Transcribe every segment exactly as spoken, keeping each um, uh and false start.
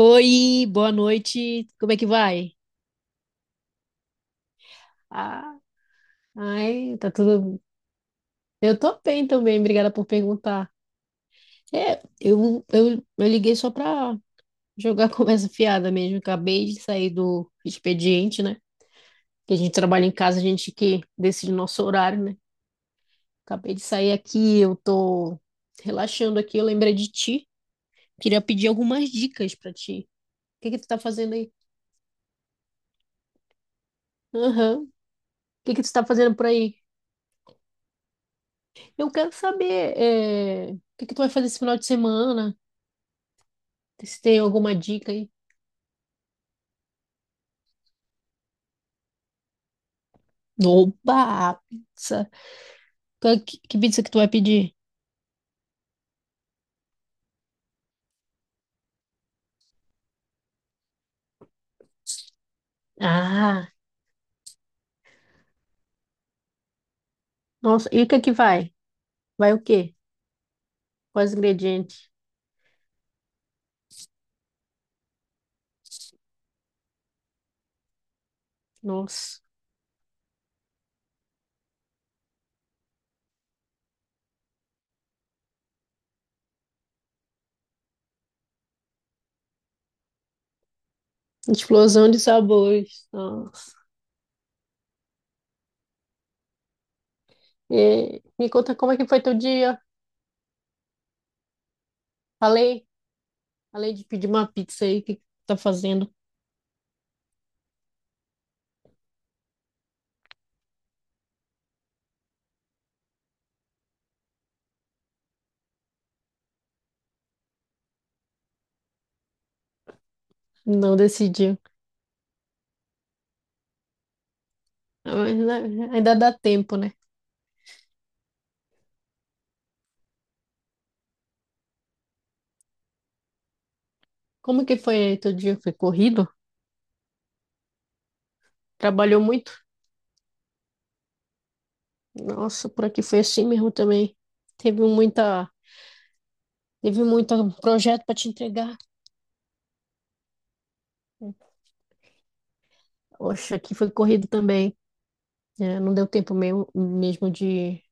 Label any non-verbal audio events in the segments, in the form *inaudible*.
Oi, boa noite. Como é que vai? Ah, ai, tá tudo. Eu tô bem também, obrigada por perguntar. É, eu, eu, eu liguei só pra jogar *laughs* conversa fiada mesmo. Acabei de sair do expediente, né? Que a gente trabalha em casa, a gente que decide o nosso horário, né? Acabei de sair aqui, eu tô relaxando aqui, eu lembrei de ti. Queria pedir algumas dicas pra ti. O que que tu tá fazendo aí? Aham. O que que tu tá fazendo por aí? Eu quero saber, é, o que que tu vai fazer esse final de semana? Se tem alguma dica aí. Oba, pizza. Qual é Que, que pizza que tu vai pedir? Ah, nossa, e o que é que vai? Vai o quê? Quais ingredientes? Nossa, explosão de sabores. Nossa. E me conta como é que foi teu dia? Falei, falei de pedir uma pizza aí, o que que tu tá fazendo? Não decidiu. Ah, mas né, ainda dá tempo, né? Como que foi aí teu dia? Foi corrido? Trabalhou muito? Nossa, por aqui foi assim mesmo também. Teve muita, teve muito projeto para te entregar. Oxe, aqui foi corrido também. Né? Não deu tempo mesmo, mesmo de,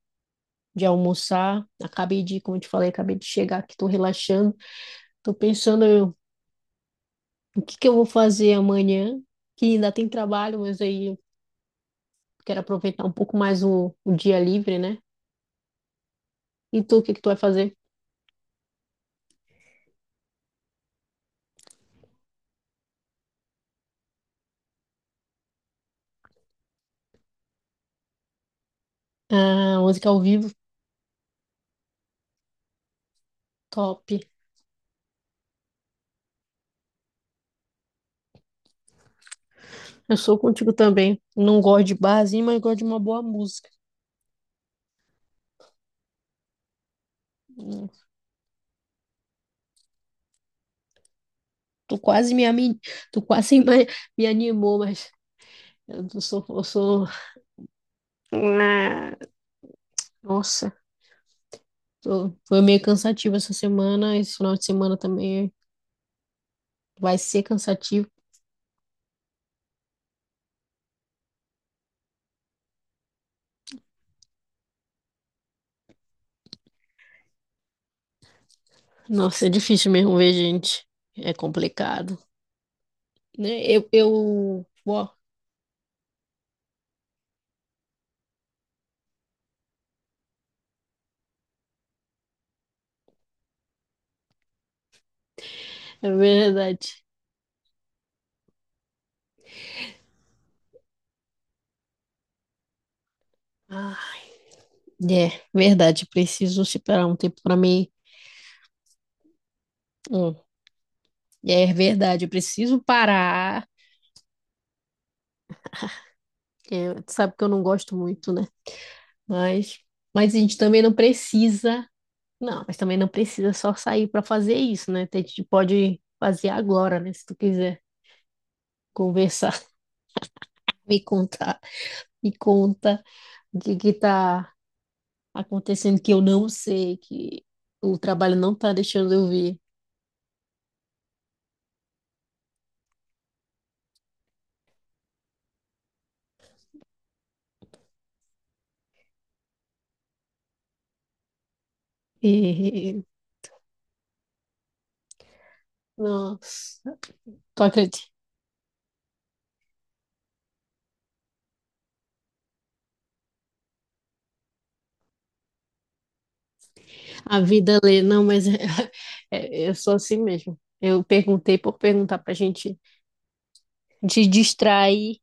de almoçar. Acabei de, como eu te falei, acabei de chegar aqui, estou relaxando. Estou pensando eu, o que que eu vou fazer amanhã, que ainda tem trabalho, mas aí eu quero aproveitar um pouco mais o, o dia livre, né? E tu, o que que tu vai fazer? Ah, música ao vivo, top. Eu sou contigo também. Não gosto de barzinho, mas gosto de uma boa música. Tu quase me, ami- tu quase *laughs* me, me animou, mas eu tô- sou, eu sou. Ah, nossa, tô- foi meio cansativo essa semana. Esse final de semana também vai ser cansativo. Nossa, é difícil mesmo ver gente. É complicado, né? Eu, eu, ó, é verdade. Ah, é verdade. Preciso separar um tempo para mim. Hum, é verdade. Eu preciso parar. É, tu sabe que eu não gosto muito, né? Mas, mas a gente também não precisa Não, mas também não precisa só sair para fazer isso, né? A gente pode fazer agora, né? Se tu quiser conversar, *laughs* me contar, me conta o que que tá acontecendo que eu não sei, que o trabalho não tá deixando eu ver. E, *laughs* nossa, tu acredita? A vida lê, não, mas é, *laughs* é- eu sou assim mesmo. Eu perguntei por perguntar pra gente te distrair.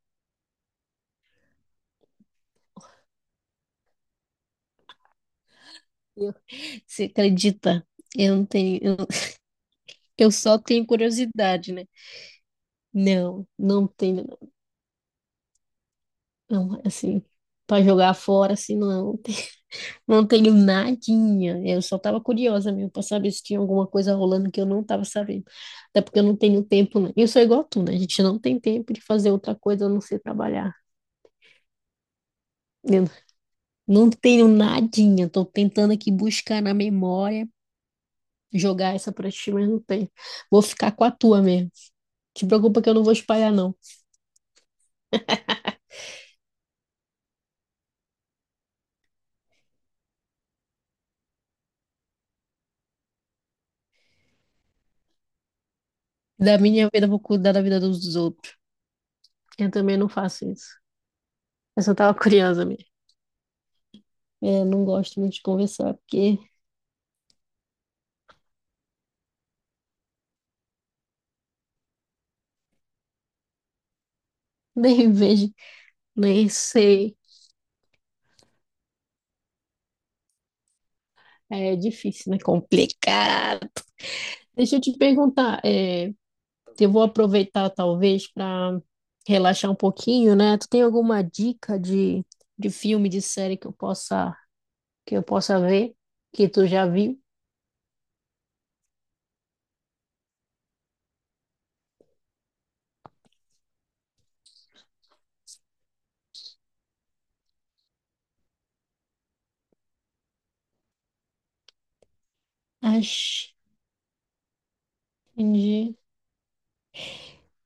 Você acredita? Eu não tenho, eu eu só tenho curiosidade, né? Não, não tenho, não. Não, assim, para jogar fora, assim, não, tem- *laughs* não tenho nadinha. Eu só estava curiosa mesmo para saber se tinha alguma coisa rolando que eu não estava sabendo. Até porque eu não tenho tempo, né? Eu sou igual a tu, né? A gente não tem tempo de fazer outra coisa a não ser trabalhar. Eu não tenho nadinha. Tô tentando aqui buscar na memória, jogar essa pra ti, mas não tem. Vou ficar com a tua mesmo. Te preocupa que eu não vou espalhar, não. Da minha vida, eu vou cuidar da vida dos outros. Eu também não faço isso. Eu só tava curiosa mesmo. Eu não gosto muito de conversar, porque *laughs* nem vejo, nem sei. É difícil, né? Complicado. Deixa eu te perguntar, é, eu vou aproveitar talvez para relaxar um pouquinho, né? Tu tem alguma dica de, de filme, de série que eu possa que eu possa ver, que tu já viu? Acho. Entendi.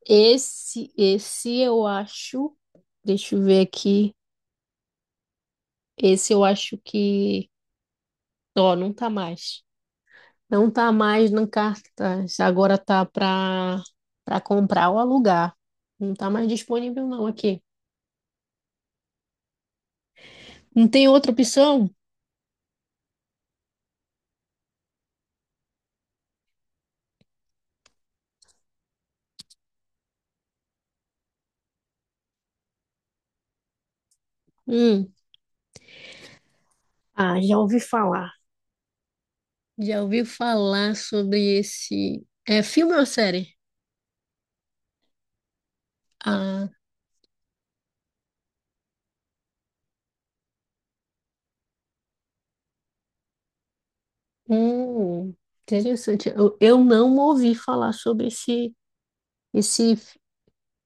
Esse, esse eu acho. Deixa eu ver aqui. Esse eu acho que. Ó, não tá mais. Não tá mais na cartaz. Agora tá para para comprar ou alugar. Não tá mais disponível não aqui. Não tem outra opção? Hum. Ah, já ouvi falar. Já ouvi falar sobre esse. É filme ou série? Ah, hum, interessante. Eu, eu não ouvi falar sobre esse esse.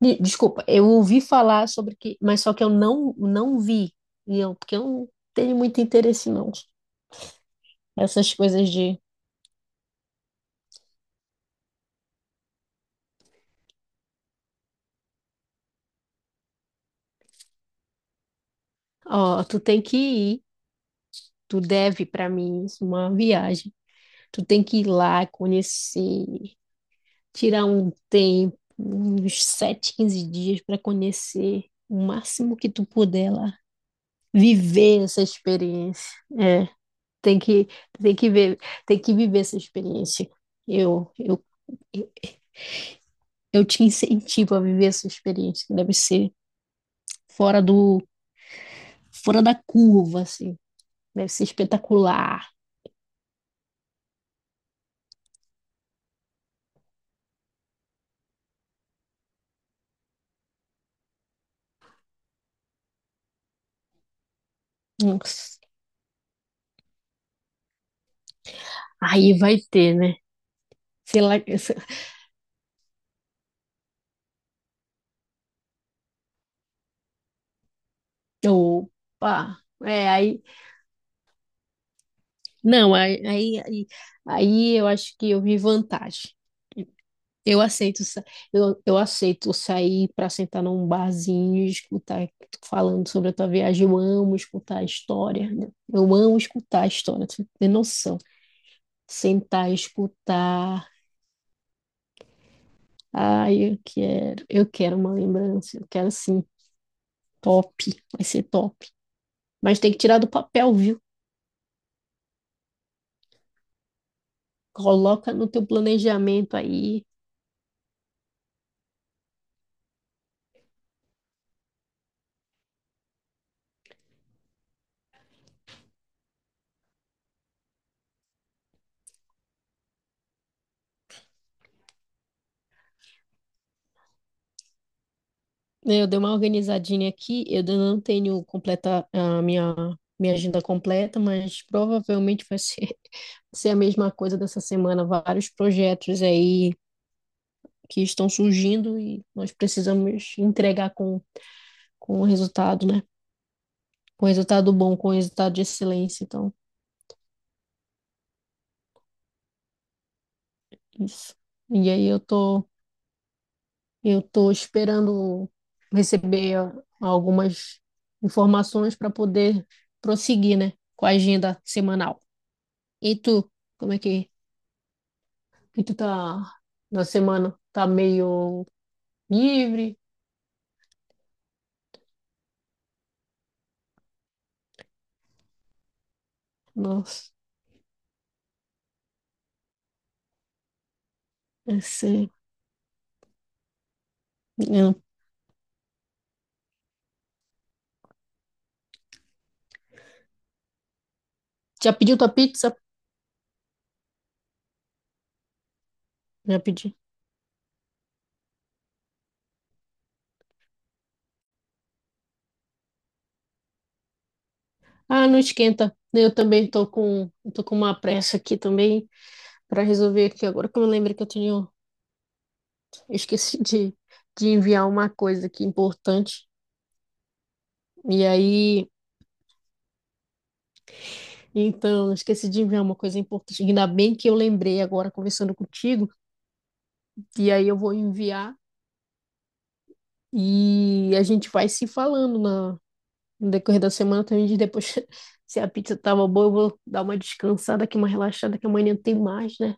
de- Desculpa, eu ouvi falar sobre que, mas só que eu não não vi. E eu, porque eu não tenho muito interesse não. Essas coisas de Ó, tu tem que ir, tu deve para mim isso, uma viagem. Tu tem que ir lá, conhecer, tirar um tempo, uns sete, quinze dias para conhecer o máximo que tu puder lá. Viver essa experiência. É, tem que, tem que ver, tem que viver essa experiência. Eu, eu, eu te incentivo a viver essa experiência, que deve ser fora do, fora da curva, assim. Deve ser espetacular. Nossa. Aí vai ter, né? Sei lá, essa- opa, é, aí, não, aí, aí, aí, aí eu acho que eu vi vantagem. Eu aceito, sa- eu, eu aceito sair para sentar num barzinho e escutar tu falando sobre a tua viagem. Eu amo escutar a história, né? Eu amo escutar a história, tu não tem noção. Sentar e escutar. Ai, eu quero, eu quero uma lembrança, eu quero sim, top, vai ser top. Mas tem que tirar do papel, viu? Coloca no teu planejamento aí. Né, eu dei uma organizadinha aqui, eu ainda não tenho completa a minha, minha agenda completa, mas provavelmente vai ser, *laughs* ser a mesma coisa dessa semana. Vários projetos aí que estão surgindo e nós precisamos entregar com, com o resultado, né? Com resultado bom, com resultado de excelência. Então, isso. E aí eu tô, eu tô esperando receber ah, algumas informações para poder prosseguir, né? Com a agenda semanal. E tu, como é que, que tu tá na semana? Tá meio livre? Nossa, essa, é, eu- já pediu tua pizza? Já pedi. Ah, não esquenta. Eu também tô com, tô com uma pressa aqui também para resolver aqui. Agora que eu me lembro que eu tinha, eu esqueci de, de enviar uma coisa aqui importante. E aí, então, eu esqueci de enviar uma coisa importante. Ainda bem que eu lembrei agora conversando contigo. E aí eu vou enviar. E a gente vai se falando na, no decorrer da semana também diz depois *laughs* se a pizza tava boa, eu vou dar uma descansada aqui, uma relaxada, que amanhã tem mais, né?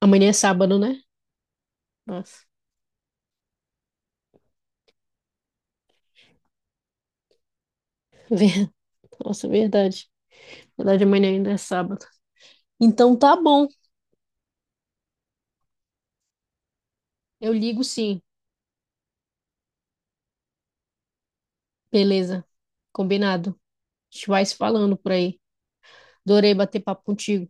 Amanhã é sábado, né? Nossa, ver- *laughs* nossa, verdade. Verdade, amanhã ainda é sábado. Então tá bom, eu ligo sim. Beleza, combinado. A gente vai se falando por aí. Adorei bater papo contigo.